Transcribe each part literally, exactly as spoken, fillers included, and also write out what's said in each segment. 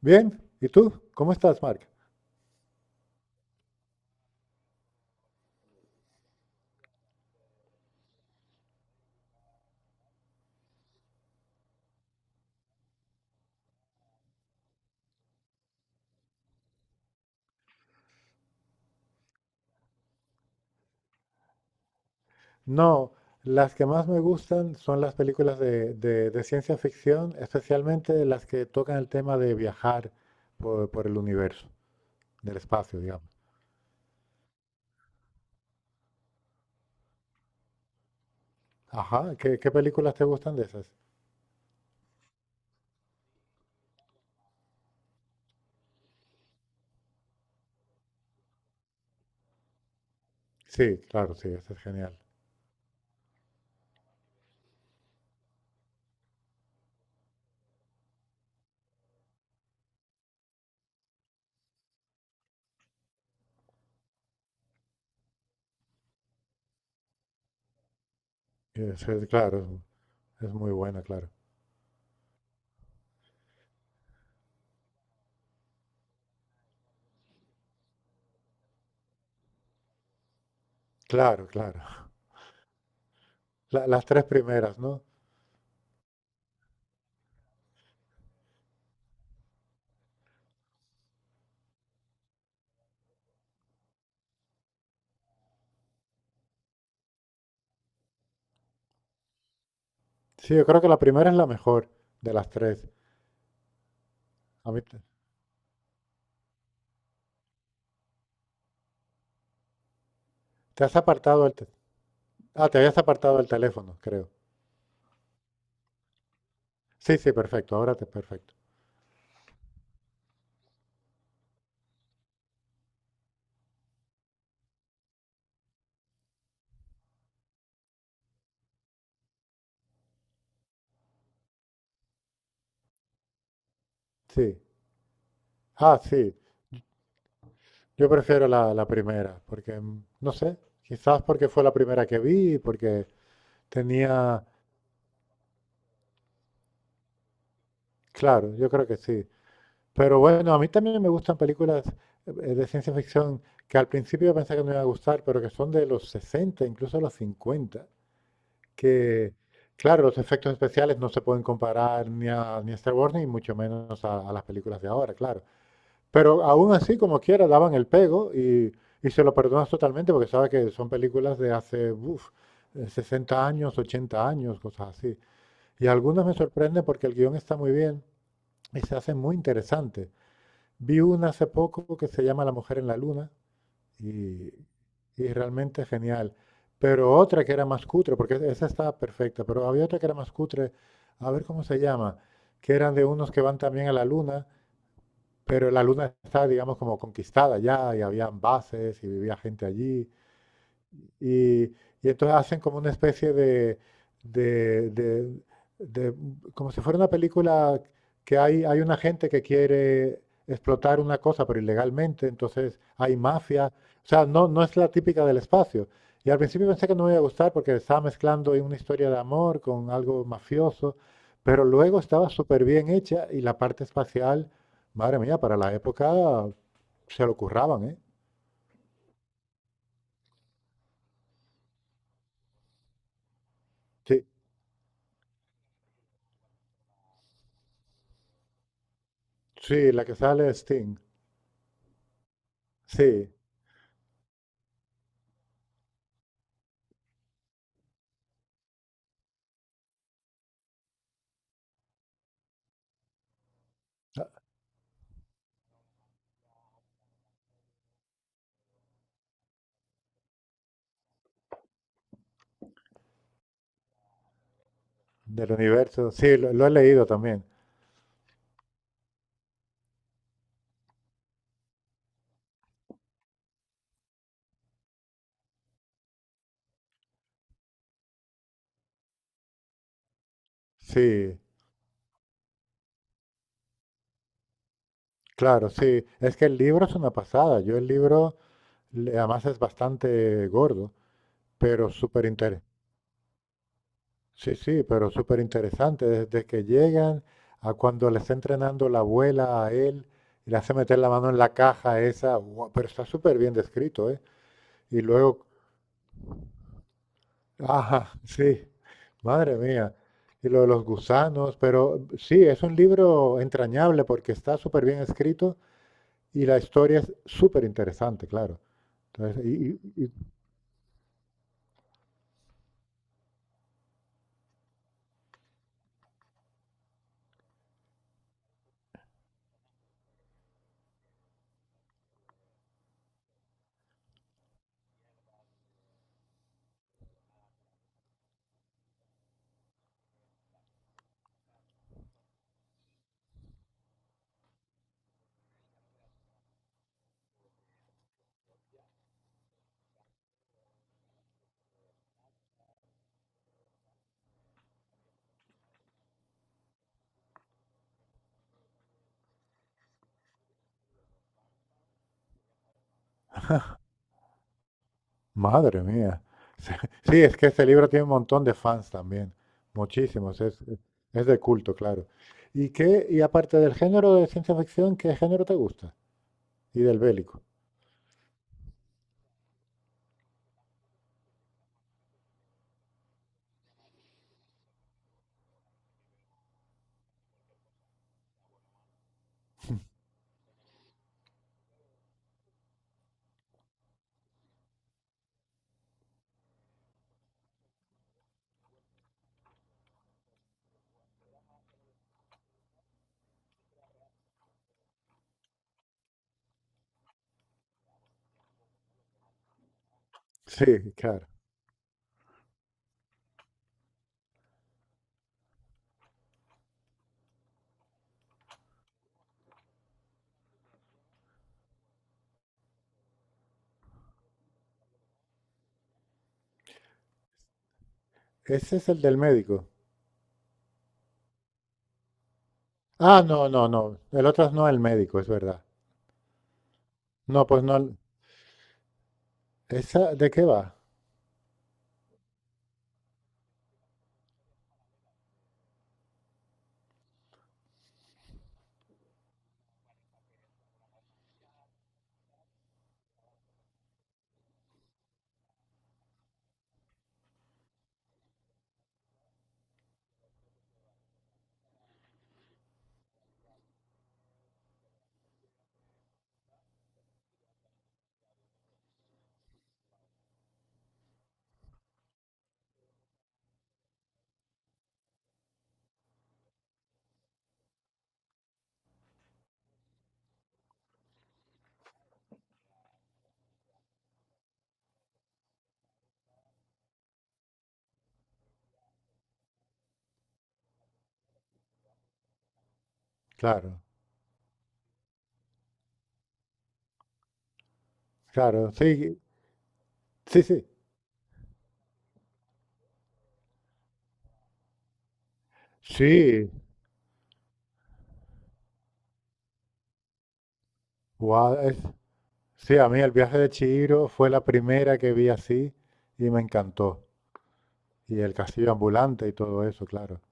Bien, ¿y tú? ¿Cómo estás, Mark? No, las que más me gustan son las películas de, de- de ciencia ficción, especialmente las que tocan el tema de viajar por, por el universo, del espacio, digamos. Ajá, ¿qué, qué películas te gustan de esas? Sí, claro, sí, esa es genial. Eso es- claro, es muy buena, claro. Claro, claro. La- las tres primeras, ¿no? Sí, yo creo que la primera es la mejor de las tres. A mí te, te has apartado el te- Ah, te habías apartado el teléfono, creo. Sí, sí, perfecto. Ahora te perfecto. Sí. Ah, sí. Yo prefiero la, la primera, porque, mm, no sé, quizás porque fue la primera que vi, porque tenía... Claro, yo creo que sí. Pero bueno, a mí también me gustan películas eh, de ciencia ficción que al principio yo pensé que no me iba a gustar, pero que son de los sesenta, incluso los cincuenta. Que, claro, los efectos especiales no se pueden comparar ni a, ni a Star Wars, ni mucho menos a, a las películas de ahora, claro. Pero aún así, como quiera, daban el pego y, y se lo perdonas totalmente porque sabes que son películas de hace uf, eh, sesenta años, ochenta años, cosas así. Y algunas me sorprenden porque el guión está muy bien y se hace muy interesante. Vi una hace poco que se llama La mujer en la luna y, y realmente genial. Pero otra que era más cutre, porque e-, esa estaba perfecta, pero había otra que era más cutre, a ver cómo se llama, que eran de unos que van también a la luna, pero la luna está, digamos, como conquistada ya y habían bases y vivía gente allí. Y, y entonces hacen como una especie de, de, de- de- como si fuera una película que hay, hay una gente que quiere explotar una cosa, pero ilegalmente, entonces hay mafia. O sea, no, no es la típica del espacio. Y al principio pensé que no me iba a gustar porque estaba mezclando ahí una historia de amor con algo mafioso, pero luego estaba súper bien hecha y la parte espacial, madre mía, para la época se lo curraban, ¿eh? Sí, sí, la que sale es Sting. Sí, del universo, sí, lo, lo he leído también. Sí, claro, sí. Es que el libro es una pasada. Yo el libro, le- además es bastante gordo, pero súper interesante. Sí, sí, pero súper interesante. Desde que llegan a cuando le está entrenando la abuela a él y le hace meter la mano en la caja esa, guau, pero está súper bien descrito, ¿eh? Y luego, ajá, sí, madre mía. Y lo de los gusanos, pero sí, es un libro entrañable porque está súper bien escrito y la historia es súper interesante, claro. Entonces, y- y- y- Madre mía. Sí, es que este libro tiene un montón de fans también, muchísimos, es, es de culto, claro. ¿Y qué, y aparte del género de ciencia ficción, qué género te gusta? Y del bélico. Sí, claro. Ese es el del médico. Ah, no, no, no. El otro es no el médico, es verdad. No, pues no. el- ¿Esa de qué va? Claro, claro. Sí, sí, sí. Sí. Guau, es, sí, a mí el viaje de Chihiro fue la primera que vi así y me encantó. Y el castillo ambulante y todo eso, claro.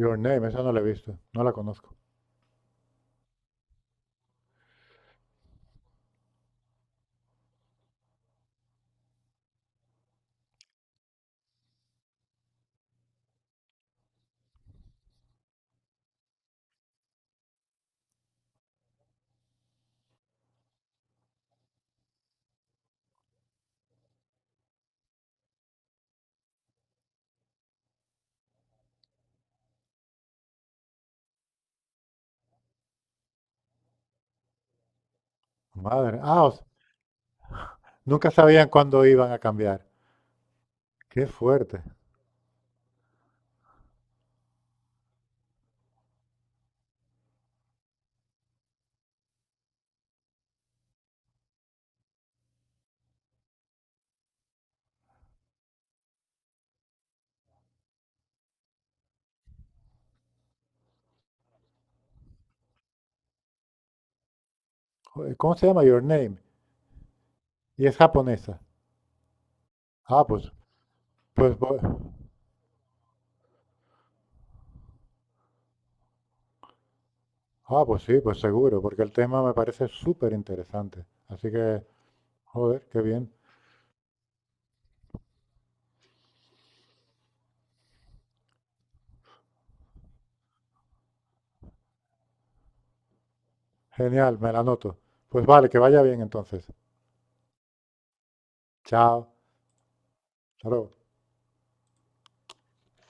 Your Name, esa no la he visto, no la conozco. Madre, ah, o sea, nunca sabían cuándo iban a cambiar. Qué fuerte. Joder, ¿cómo se llama Your Name? Y es japonesa. Ah, pues, pues, voy- ah, pues sí, pues seguro, porque el tema me parece súper interesante. Así que, joder, qué bien. Genial, me la anoto. Pues vale, que vaya bien entonces. Chao. Hasta luego.